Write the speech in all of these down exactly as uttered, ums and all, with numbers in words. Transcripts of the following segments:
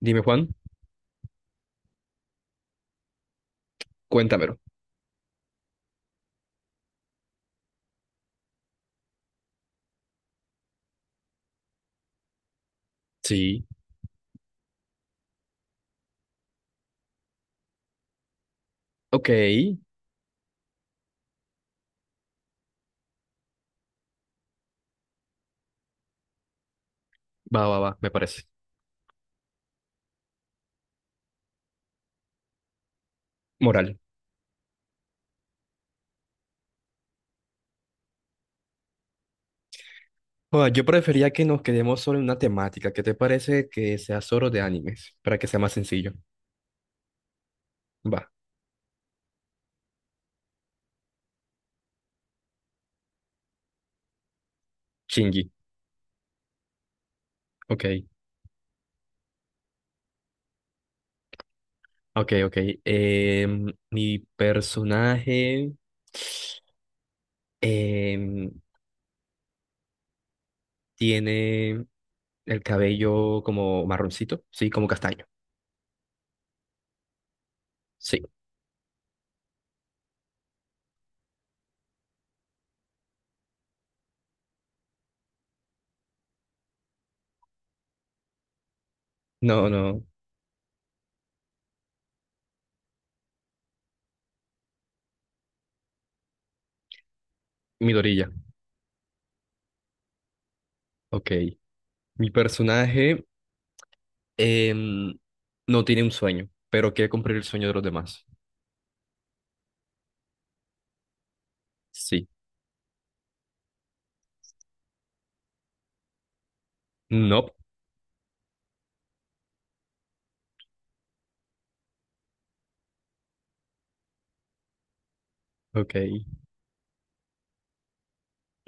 Dime, Juan, cuéntamelo. Sí. Ok, va, va, va, me parece. Moral. Juan, yo prefería que nos quedemos solo en una temática. ¿Qué te parece que sea solo de animes? Para que sea más sencillo. Va. Shinji. Ok, ok, ok. Em, mi personaje em, tiene el cabello como marroncito, sí, como castaño. Sí, no, no, mi dorilla. Ok, mi personaje. Em, no tiene un sueño, pero quiere cumplir el sueño de los demás. Sí. No. Ok.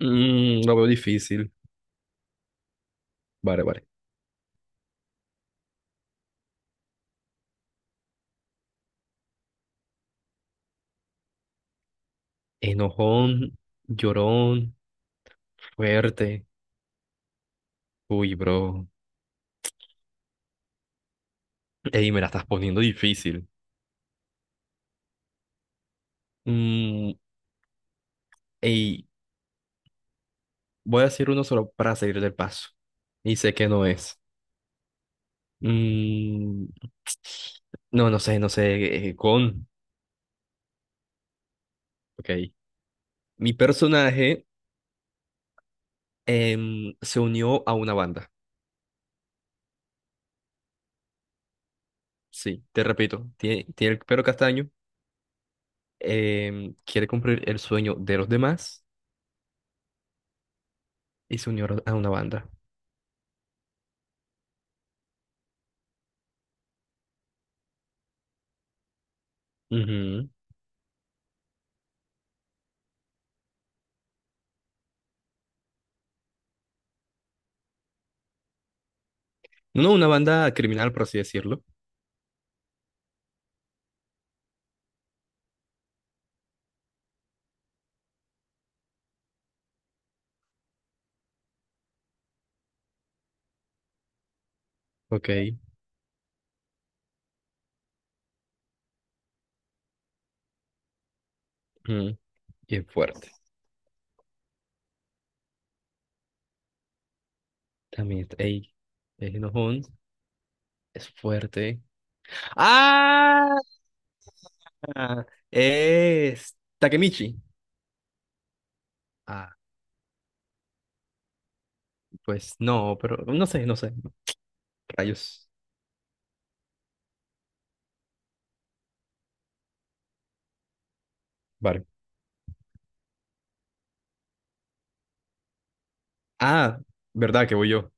Mm, lo veo difícil. Vale, vale. Enojón, llorón, fuerte. Uy, bro. Ey, me la estás poniendo difícil. Mm, ey, voy a decir uno solo para salir del paso. Y sé que no es. Mm, no, no sé, no sé. Eh, con. Ok. Mi personaje em, se unió a una banda. Sí, te repito, tiene, tiene el pelo castaño, em, quiere cumplir el sueño de los demás y se unió a una banda. Ujú. No, una banda criminal, por así decirlo. Ok. Ujú. Y es fuerte. También está, ey, es enojón, es fuerte. ¡Ah! Es Takemichi. Ah, pues no, pero no sé, no sé. Rayos. Vale. Ah, verdad que voy yo.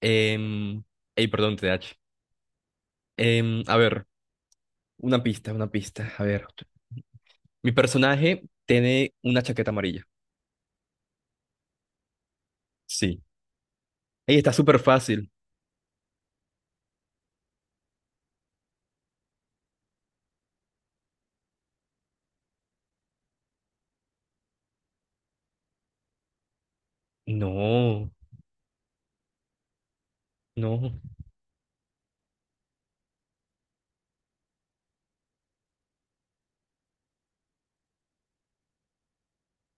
Em, Ey, perdón, T H. Em, a ver. Una pista, una pista. A ver. Mi personaje tiene una chaqueta amarilla. Sí. Ey, está súper fácil. No, no.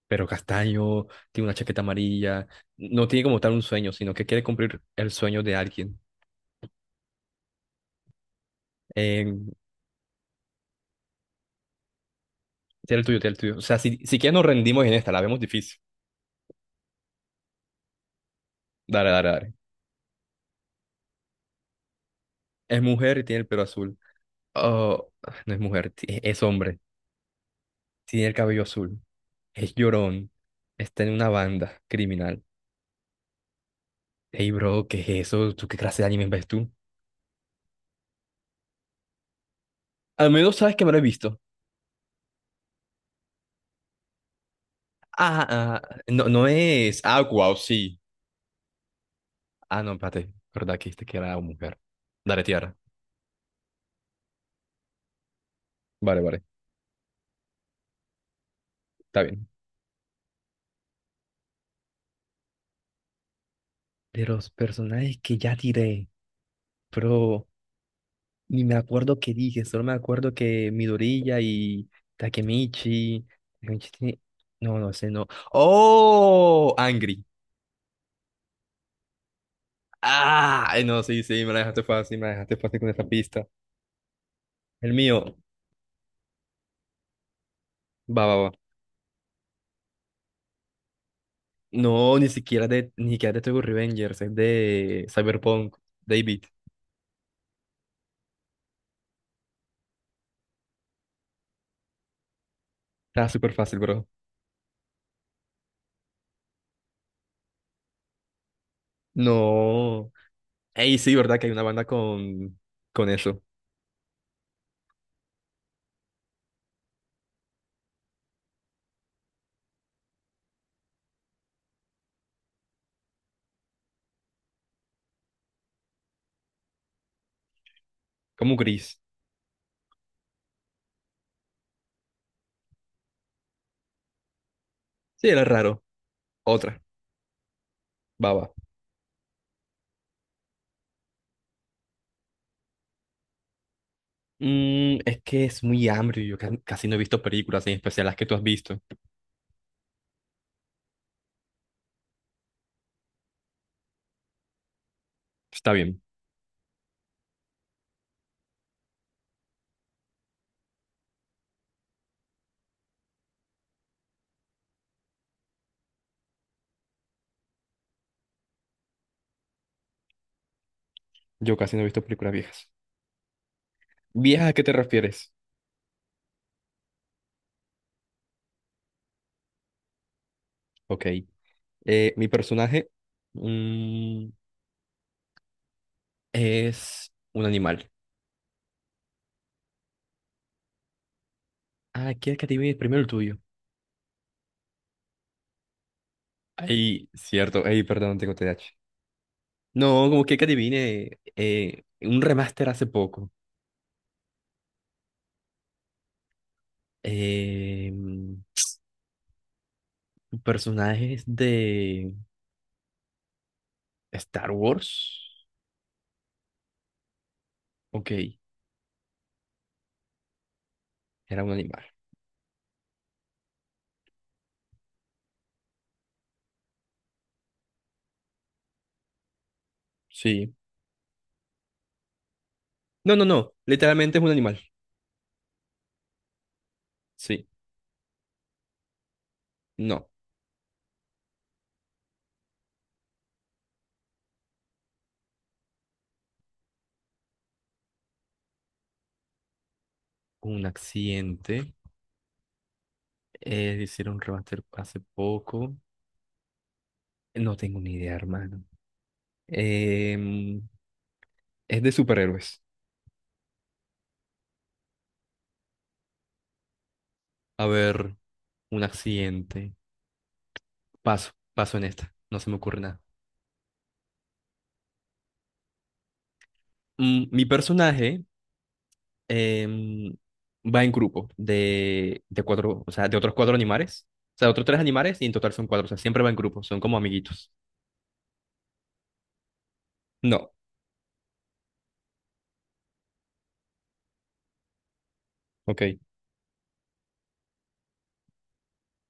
Pero Castaño tiene una chaqueta amarilla. No tiene como tal un sueño, sino que quiere cumplir el sueño de alguien. Eh, tiene el tuyo, tiene el tuyo. O sea, si, si quieres nos rendimos en esta, la vemos difícil. Dale, dale, dale. Es mujer y tiene el pelo azul. Oh, no es mujer, ti- es hombre. Tiene el cabello azul. Es llorón. Está en una banda criminal. Hey, bro, ¿qué es eso? ¿Tú qué clase de anime ves tú? Al menos sabes que me lo he visto. Ah, ah, no, no es. Ah, wow, sí. Ah, no, espérate. ¿Verdad que dijiste que era una mujer? Dale, tierra. Vale, vale. Está bien. De los personajes que ya tiré, pero ni me acuerdo qué dije, solo me acuerdo que Midoriya y Takemichi. Takemichi tiene- no, no sé, no. ¡Oh! Angry. Ah, ay, no, sí, sí, me la dejaste fácil, me la dejaste fácil con esa pista. El mío, va, va, va. No, ni siquiera de, ni siquiera de Tokyo Revengers, es de Cyberpunk, David. Está súper fácil, bro. No. Ey, sí, ¿verdad? Que hay una banda con, con eso. Como gris. Sí, era raro. Otra. Baba. Mm, es que es muy hambre. Yo ca- casi no he visto películas, en especial las que tú has visto. Está bien. Yo casi no he visto películas viejas. ¿Viejas a qué te refieres? Ok. Eh, mi personaje, mm, es un animal. Ah, ¿quieres que adivine primero el tuyo? Ey, cierto. Ey, perdón, tengo T D A H. No, como que que adivine. Eh, un remaster hace poco. Eh, personajes de Star Wars. Ok, era un animal. Sí. No, no, no. Literalmente es un animal. Sí. No. Un accidente. Eh, hicieron un remaster hace poco. No tengo ni idea, hermano. Em, es de superhéroes. A ver, un accidente. Paso, paso en esta. No se me ocurre nada. Mm, mi personaje, em, va en grupo de, de cuatro, o sea, de otros cuatro animales. O sea, de otros tres animales y en total son cuatro. O sea, siempre va en grupo, son como amiguitos. No, ok.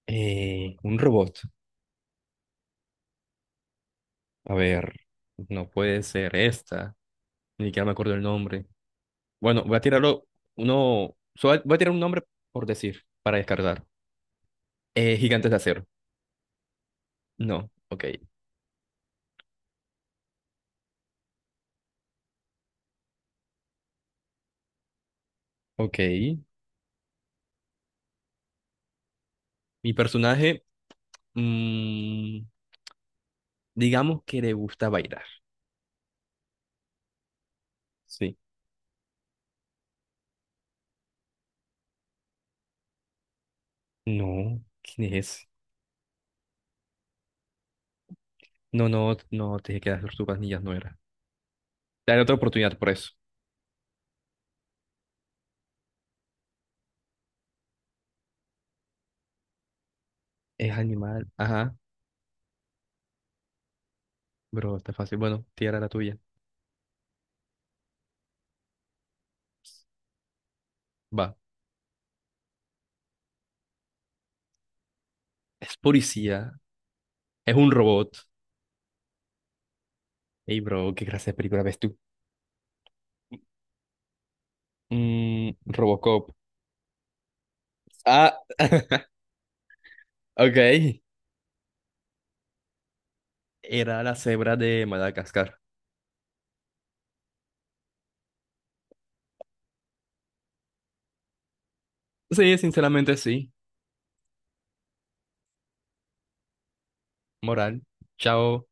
Eh, un robot. A ver, no puede ser esta. Ni siquiera me acuerdo el nombre. Bueno, voy a tirarlo uno. Solo voy a tirar un nombre por decir, para descartar. Eh, Gigantes de Acero. No, ok. Ok. Mi personaje, mm, digamos que le gusta bailar. Sí. No, ¿quién es? No, no, no, te dije que las tortugas ninjas no era. Te daré otra oportunidad por eso. Es animal. Ajá, bro, está fácil. Bueno, tierra la tuya. Va. Es policía. Es un robot. Ey, bro, qué clase de película ves tú. Mm, Robocop. Ah, ok. Era la cebra de Madagascar. Sí, sinceramente sí. Moral. Chao.